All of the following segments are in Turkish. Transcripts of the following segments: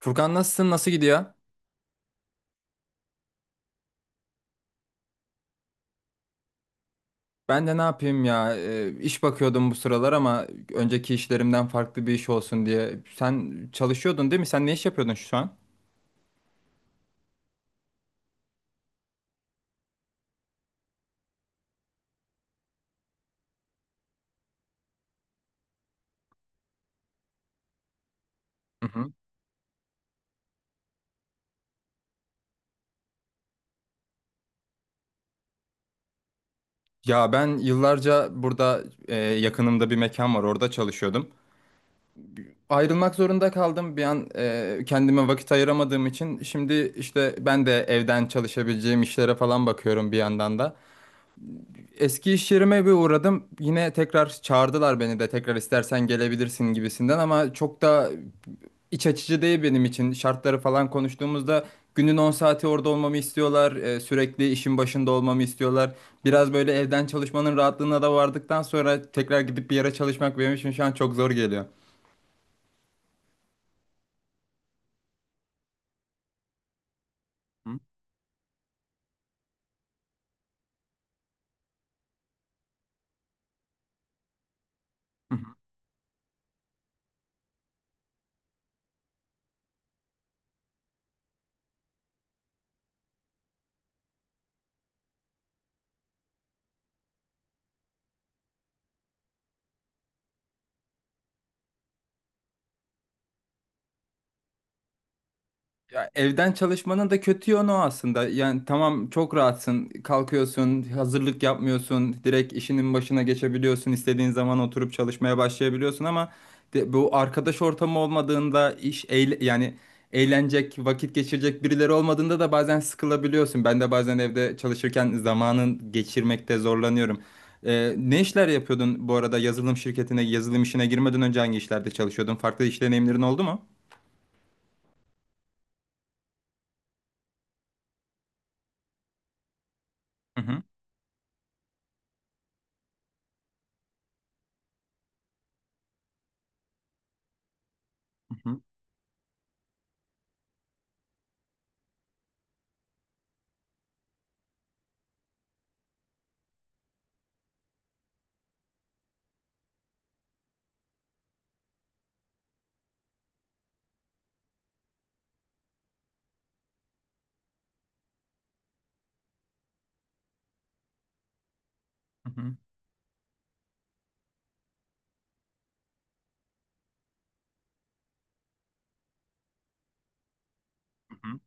Furkan nasılsın? Nasıl gidiyor? Ben de ne yapayım ya? İş bakıyordum bu sıralar ama önceki işlerimden farklı bir iş olsun diye. Sen çalışıyordun değil mi? Sen ne iş yapıyordun şu an? Hı hı. Ya ben yıllarca burada yakınımda bir mekan var. Orada çalışıyordum. Ayrılmak zorunda kaldım. Bir an kendime vakit ayıramadığım için şimdi işte ben de evden çalışabileceğim işlere falan bakıyorum bir yandan da. Eski iş yerime bir uğradım. Yine tekrar çağırdılar beni de tekrar istersen gelebilirsin gibisinden ama çok da iç açıcı değil benim için. Şartları falan konuştuğumuzda günün 10 saati orada olmamı istiyorlar. Sürekli işin başında olmamı istiyorlar. Biraz böyle evden çalışmanın rahatlığına da vardıktan sonra tekrar gidip bir yere çalışmak benim için şu an çok zor geliyor. Hı? Ya evden çalışmanın da kötü yönü o aslında. Yani tamam çok rahatsın. Kalkıyorsun, hazırlık yapmıyorsun. Direkt işinin başına geçebiliyorsun. İstediğin zaman oturup çalışmaya başlayabiliyorsun ama bu arkadaş ortamı olmadığında iş yani eğlenecek, vakit geçirecek birileri olmadığında da bazen sıkılabiliyorsun. Ben de bazen evde çalışırken zamanın geçirmekte zorlanıyorum. Ne işler yapıyordun bu arada yazılım şirketine, yazılım işine girmeden önce hangi işlerde çalışıyordun? Farklı iş deneyimlerin oldu mu? Hı hı, hı hı, hı hı, hı hı.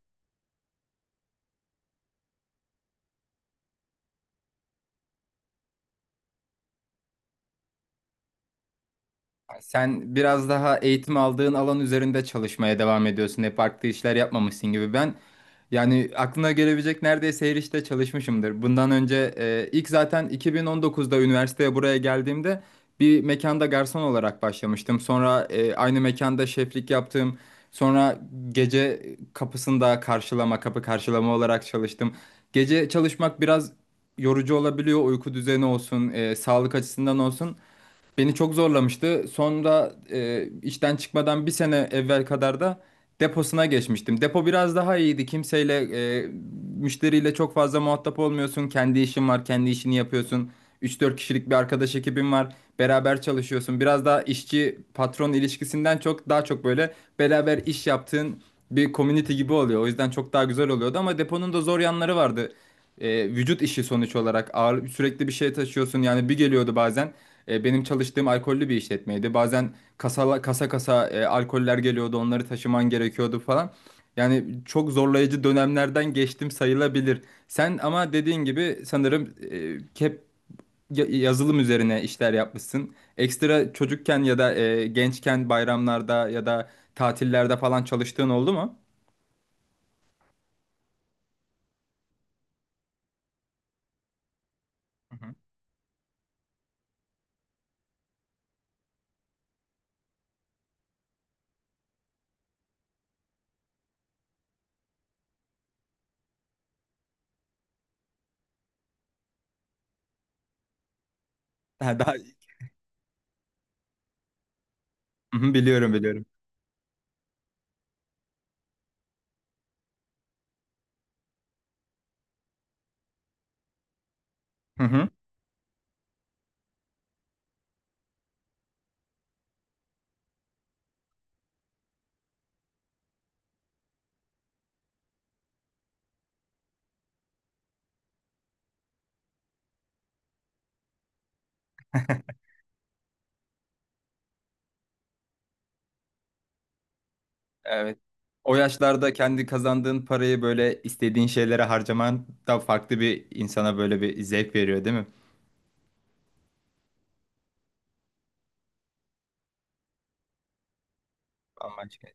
Sen biraz daha eğitim aldığın alan üzerinde çalışmaya devam ediyorsun. Hep farklı işler yapmamışsın gibi. Ben yani aklına gelebilecek neredeyse her işte çalışmışımdır. Bundan önce ilk zaten 2019'da üniversiteye buraya geldiğimde bir mekanda garson olarak başlamıştım. Sonra aynı mekanda şeflik yaptım. Sonra gece kapısında karşılama, kapı karşılama olarak çalıştım. Gece çalışmak biraz yorucu olabiliyor. Uyku düzeni olsun, sağlık açısından olsun. Beni çok zorlamıştı. Sonra işten çıkmadan bir sene evvel kadar da deposuna geçmiştim. Depo biraz daha iyiydi. Kimseyle, e, müşteriyle çok fazla muhatap olmuyorsun. Kendi işin var, kendi işini yapıyorsun. Üç dört kişilik bir arkadaş ekibin var. Beraber çalışıyorsun. Biraz daha işçi patron ilişkisinden çok daha çok böyle beraber iş yaptığın bir community gibi oluyor. O yüzden çok daha güzel oluyordu ama deponun da zor yanları vardı. Vücut işi sonuç olarak ağır sürekli bir şey taşıyorsun. Yani bir geliyordu bazen. Benim çalıştığım alkollü bir işletmeydi. Bazen kasa kasa kasa alkoller geliyordu, onları taşıman gerekiyordu falan. Yani çok zorlayıcı dönemlerden geçtim sayılabilir. Sen ama dediğin gibi sanırım hep yazılım üzerine işler yapmışsın. Ekstra çocukken ya da gençken bayramlarda ya da tatillerde falan çalıştığın oldu mu? Hı hı. Ha, daha. Hı hı, biliyorum biliyorum. Hı hı. Evet. O yaşlarda kendi kazandığın parayı böyle istediğin şeylere harcaman da farklı bir insana böyle bir zevk veriyor değil mi? Bambaşka.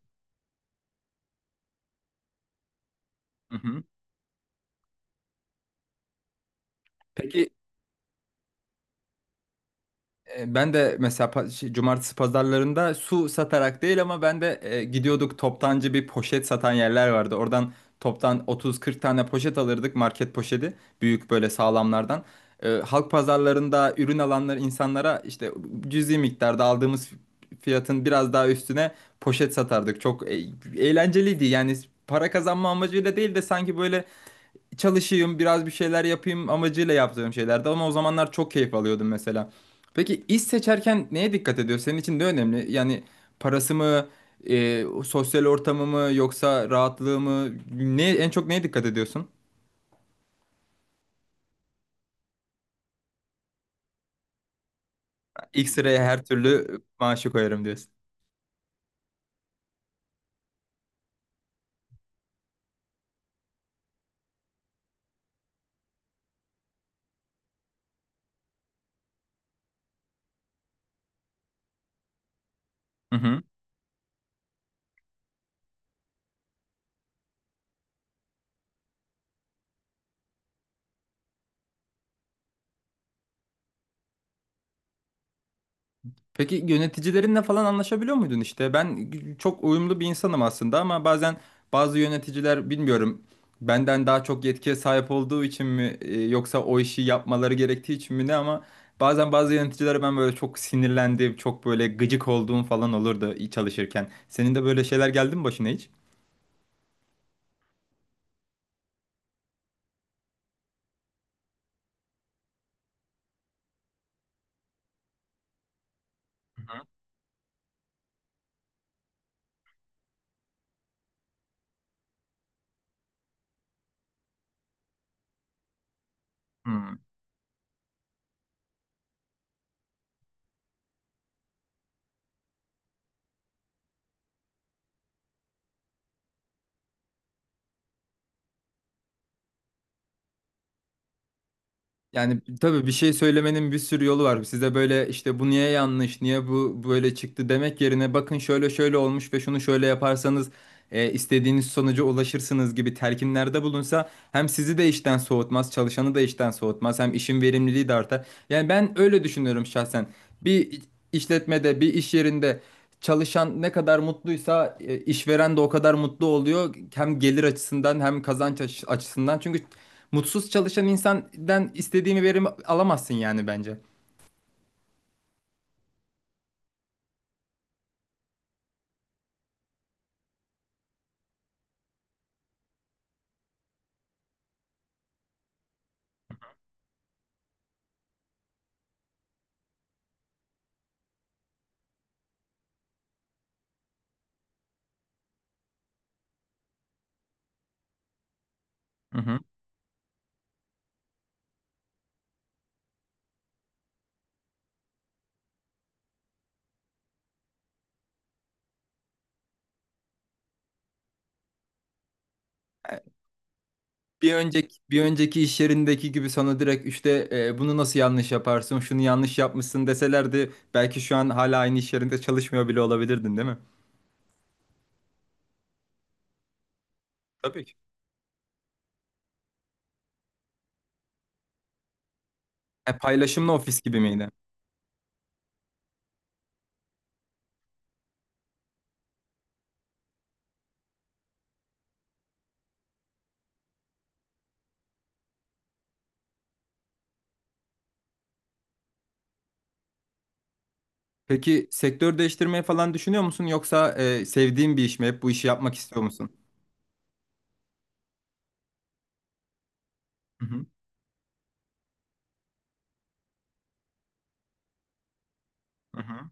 Hı hı. Peki. Ben de mesela cumartesi pazarlarında su satarak değil ama ben de gidiyorduk toptancı bir poşet satan yerler vardı. Oradan toptan 30-40 tane poşet alırdık market poşeti büyük böyle sağlamlardan. Halk pazarlarında ürün alanlar insanlara işte cüzi miktarda aldığımız fiyatın biraz daha üstüne poşet satardık. Çok eğlenceliydi yani para kazanma amacıyla değil de sanki böyle çalışayım, biraz bir şeyler yapayım amacıyla yaptığım şeylerdi ama o zamanlar çok keyif alıyordum mesela. Peki iş seçerken neye dikkat ediyor? Senin için de önemli. Yani parası mı, sosyal ortamı mı yoksa rahatlığı mı? Ne, en çok neye dikkat ediyorsun? İlk sıraya her türlü maaşı koyarım diyorsun. Peki yöneticilerinle falan anlaşabiliyor muydun işte? Ben çok uyumlu bir insanım aslında ama bazen bazı yöneticiler bilmiyorum benden daha çok yetkiye sahip olduğu için mi yoksa o işi yapmaları gerektiği için mi ne ama bazen bazı yöneticilere ben böyle çok sinirlendiğim, çok böyle gıcık olduğum falan olurdu çalışırken. Senin de böyle şeyler geldi mi başına hiç? Hı hı. Yani tabii bir şey söylemenin bir sürü yolu var. Size böyle işte bu niye yanlış, niye bu böyle çıktı demek yerine bakın şöyle şöyle olmuş ve şunu şöyle yaparsanız istediğiniz sonuca ulaşırsınız gibi telkinlerde bulunsa hem sizi de işten soğutmaz, çalışanı da işten soğutmaz, hem işin verimliliği de artar. Yani ben öyle düşünüyorum şahsen. Bir işletmede, bir iş yerinde çalışan ne kadar mutluysa işveren de o kadar mutlu oluyor. Hem gelir açısından hem açısından. Çünkü mutsuz çalışan insandan istediğimi verimi alamazsın yani bence. Hı hı. Bir önceki iş yerindeki gibi sana direkt işte bunu nasıl yanlış yaparsın, şunu yanlış yapmışsın deselerdi belki şu an hala aynı iş yerinde çalışmıyor bile olabilirdin, değil mi? Tabii ki. Paylaşımlı ofis gibi miydi? Peki sektör değiştirmeyi falan düşünüyor musun yoksa sevdiğin bir iş mi? Hep bu işi yapmak istiyor musun? Hı hı. Hı hı.